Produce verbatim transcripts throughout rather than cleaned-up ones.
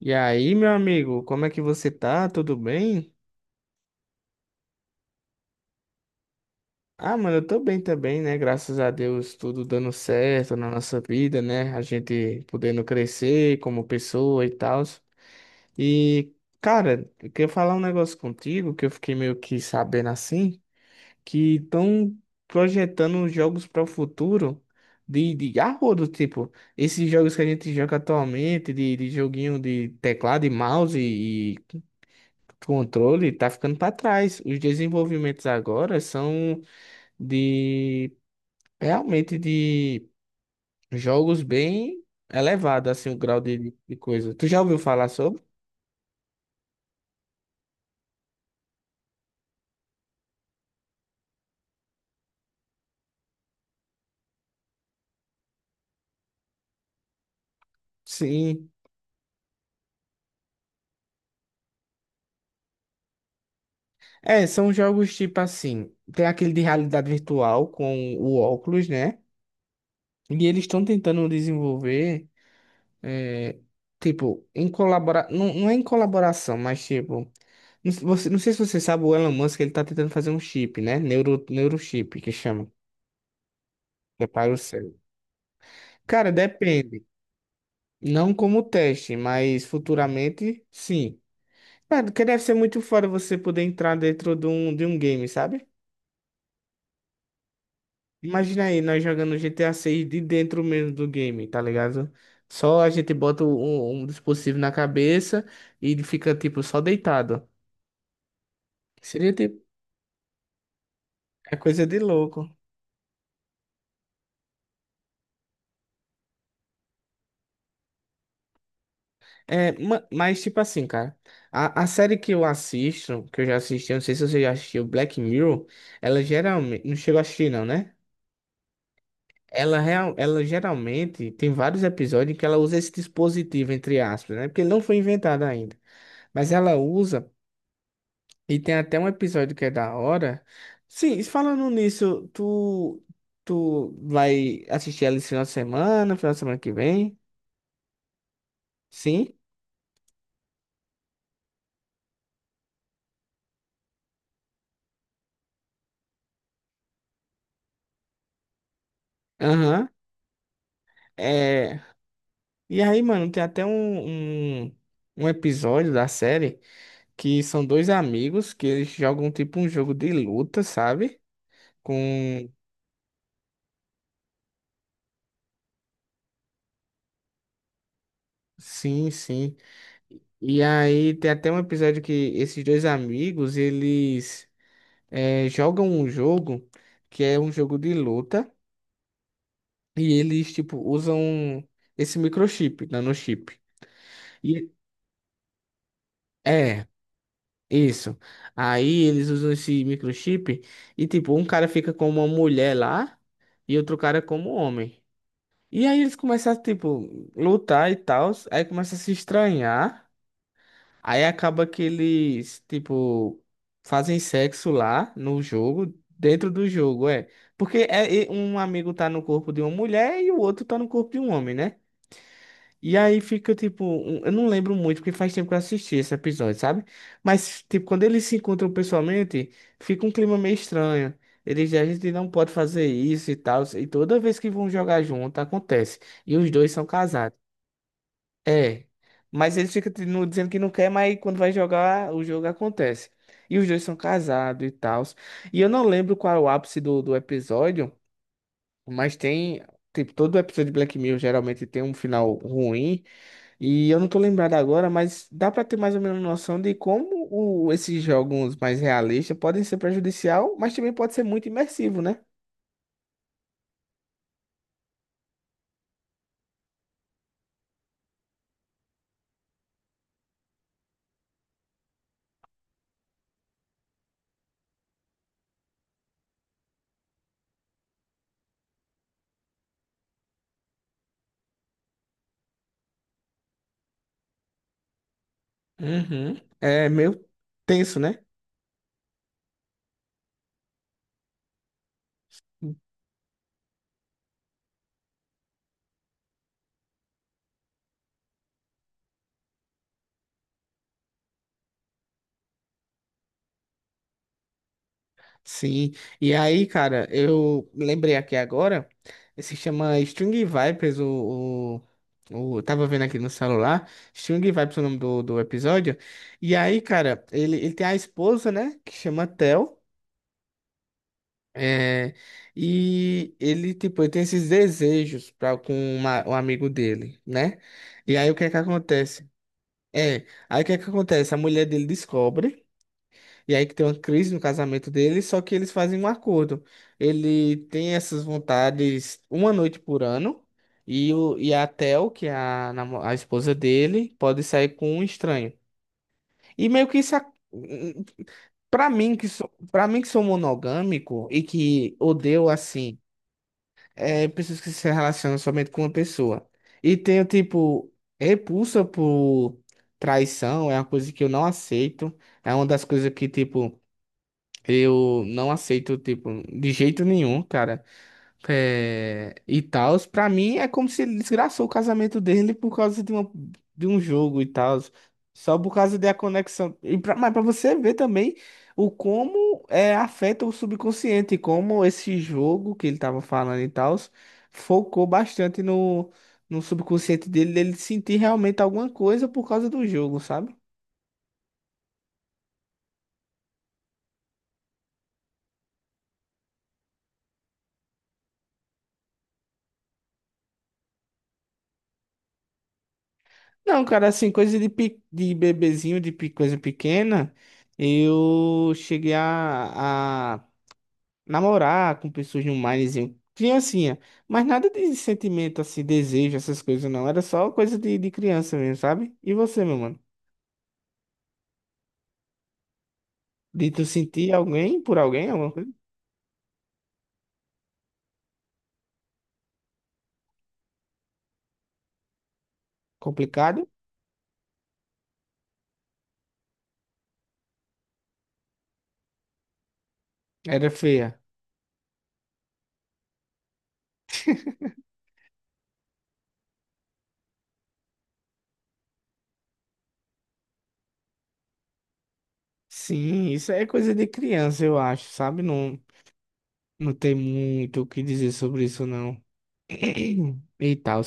E aí, meu amigo, como é que você tá? Tudo bem? Ah, mano, eu tô bem também, né? Graças a Deus, tudo dando certo na nossa vida, né? A gente podendo crescer como pessoa e tal. E, cara, eu queria falar um negócio contigo que eu fiquei meio que sabendo assim, que estão projetando jogos para o futuro de, de arrodo, tipo, esses jogos que a gente joga atualmente, de, de joguinho de teclado e mouse e controle está ficando para trás. Os desenvolvimentos agora são de realmente de jogos bem elevado, assim, o grau de, de coisa. Tu já ouviu falar sobre? Sim. É, são jogos tipo assim, tem aquele de realidade virtual com o óculos, né? E eles estão tentando desenvolver, é, tipo, em colabora... não, não é em colaboração, mas tipo, não, se- você, não sei se você sabe, o Elon Musk, ele tá tentando fazer um chip, né? Neuro, neurochip, que chama. Prepara o cérebro. Cara, depende. Não como teste, mas futuramente, sim. Cara, porque deve ser muito fora você poder entrar dentro de um, de um game, sabe? Imagina aí, nós jogando G T A seis de dentro mesmo do game, tá ligado? Só a gente bota um, um dispositivo na cabeça e ele fica, tipo, só deitado. Seria, tipo, é coisa de louco. É, ma- mas, tipo assim, cara, a, a série que eu assisto, que eu já assisti, eu não sei se você já assistiu, Black Mirror, ela geralmente. Não chegou a assistir, não, né? Ela, real, ela geralmente tem vários episódios em que ela usa esse dispositivo, entre aspas, né? Porque ele não foi inventado ainda. Mas ela usa, e tem até um episódio que é da hora. Sim, e falando nisso, tu, tu vai assistir ela esse final de semana, final de semana que vem? Sim? Aham. É... E aí, mano, tem até um, um, um episódio da série que são dois amigos que eles jogam tipo um jogo de luta, sabe? Com. Sim, sim. E aí tem até um episódio que esses dois amigos, eles eh, jogam um jogo que é um jogo de luta e eles, tipo, usam esse microchip, nanochip. E é, isso. Aí eles usam esse microchip e, tipo, um cara fica com uma mulher lá e outro cara como homem. E aí eles começam a, tipo, lutar e tal, aí começa a se estranhar. Aí acaba que eles, tipo, fazem sexo lá no jogo, dentro do jogo, é. Porque é, é- um amigo tá no corpo de uma mulher e o outro tá no corpo de um homem, né? E aí fica, tipo, um- eu não lembro muito, porque faz tempo que eu assisti esse episódio, sabe? Mas, tipo, quando eles se encontram pessoalmente, fica um clima meio estranho. Eles dizem, a gente não pode fazer isso e tal. E toda vez que vão jogar junto, acontece. E os dois são casados. É, mas ele fica te- no- dizendo que não quer, mas quando vai jogar, o jogo acontece. E os dois são casados e tal. E eu não lembro qual é o ápice do, do episódio, mas tem. Tipo, todo episódio de Black Mirror geralmente tem um final ruim. E eu não tô lembrado agora, mas dá pra ter mais ou menos noção de como o- esses jogos mais realistas podem ser prejudicial, mas também pode ser muito imersivo, né? Uhum. É meio tenso, né? Sim, e aí, cara, eu lembrei aqui agora, se chama String Vipers, o, o, o- tava vendo aqui no celular, String Vipers é o nome do, do episódio, e aí, cara, ele, ele tem a esposa, né, que chama Tel, é, e ele, tipo, ele tem esses desejos pra, com uma, um amigo dele, né, e aí o que é que acontece? É, aí o que é que acontece? A mulher dele descobre, e aí que tem uma crise no casamento dele, só que eles fazem um acordo. Ele tem essas vontades uma noite por ano, e, o, e a Tel, que é a, namo- a esposa dele, pode sair com um estranho. E meio que isso. ac- Pra mim que sou, para mim que sou monogâmico e que odeio assim, é pessoas que se relacionam somente com uma pessoa. E tenho tipo repulsa por traição, é uma coisa que eu não aceito. É uma das coisas que tipo eu não aceito, tipo, de jeito nenhum, cara. É, e tal. Pra mim é como se ele desgraçou o casamento dele por causa de, uma, de um jogo e tal. Só por causa da conexão. E pra, mas pra você ver também o como é, afeta o subconsciente, como esse jogo que ele tava falando e tal, focou bastante no, no subconsciente dele, dele sentir realmente alguma coisa por causa do jogo, sabe? Não, cara, assim, coisa de, pe- de bebezinho, de pe- coisa pequena, eu cheguei a, a namorar com pessoas de um minezinho, criancinha, mas nada de sentimento, assim, desejo, essas coisas não, era só coisa de, de criança mesmo, sabe? E você, meu mano? De tu sentir alguém por alguém, alguma coisa complicado? Era feia. Sim, isso é coisa de criança, eu acho, sabe? Não, não tem muito o que dizer sobre isso, não. E tal.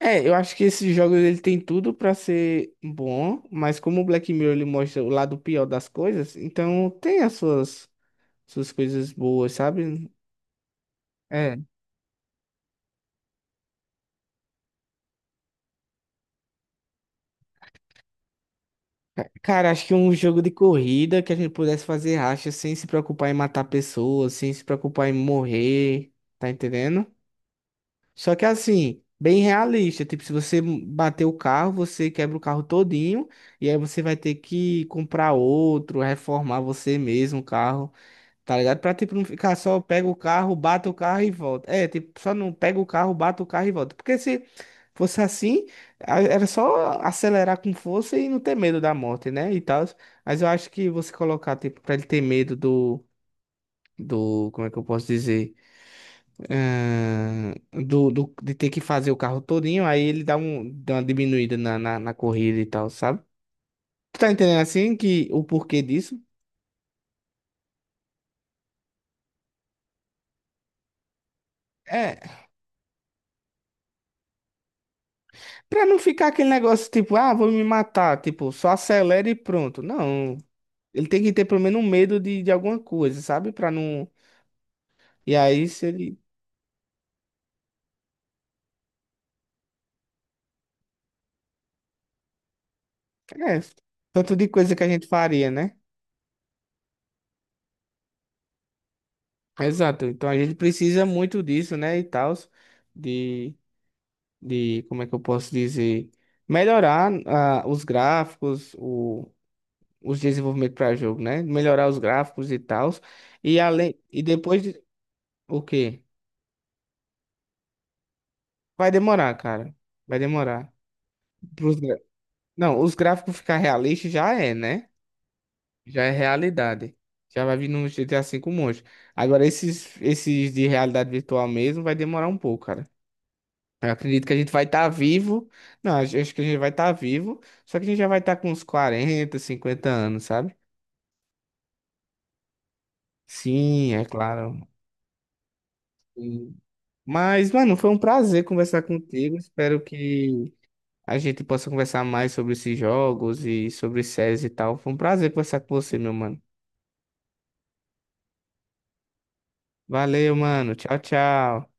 É, eu acho que esse jogo ele tem tudo pra ser bom, mas como o Black Mirror ele mostra o lado pior das coisas, então tem as suas, suas coisas boas, sabe? É. Ca- Cara, acho que um jogo de corrida que a gente pudesse fazer racha sem se preocupar em matar pessoas, sem se preocupar em morrer, tá entendendo? Só que assim, bem realista, tipo, se você bater o carro, você quebra o carro todinho e aí você vai ter que comprar outro, reformar você mesmo o carro. Tá ligado? Pra, tipo, não ficar só pega o carro, bate o carro e volta. É, tipo, só não pega o carro, bate o carro e volta. Porque se fosse assim, a- era só acelerar com força e não ter medo da morte, né? E tal. Mas eu acho que você colocar, tipo, pra ele ter medo do. Do, como é que eu posso dizer? Ahn, do, do, de ter que fazer o carro todinho, aí ele dá, um, dá uma diminuída na, na, na corrida e tal, sabe? Tu tá entendendo assim que o porquê disso? é Pra não ficar aquele negócio tipo, ah, vou me matar, tipo, só acelera e pronto. Não, ele tem que ter pelo menos um medo de, de alguma coisa, sabe? Pra não. E aí, se ele. É, tanto de coisa que a gente faria, né? Exato. Então a gente precisa muito disso, né? E tal, de, de, como é que eu posso dizer? Melhorar ah, os gráficos, o, os desenvolvimentos para jogo, né? Melhorar os gráficos e tal. E além. E depois de. O quê? Vai demorar, cara. Vai demorar. Pros gra- Não, os gráficos ficar realistas já é, né? Já é realidade. Já vai vir no G T A vê um monte. Agora, esses, esses de realidade virtual mesmo vai demorar um pouco, cara. Eu acredito que a gente vai estar vivo. Não, acho acho que a gente vai estar vivo. Só que a gente já vai estar com uns quarenta, cinquenta anos, sabe? Sim, é claro. Sim. Mas, mano, foi um prazer conversar contigo. Espero que a gente possa conversar mais sobre esses jogos e sobre séries e tal. Foi um prazer conversar com você, meu mano. Valeu, mano. Tchau, tchau.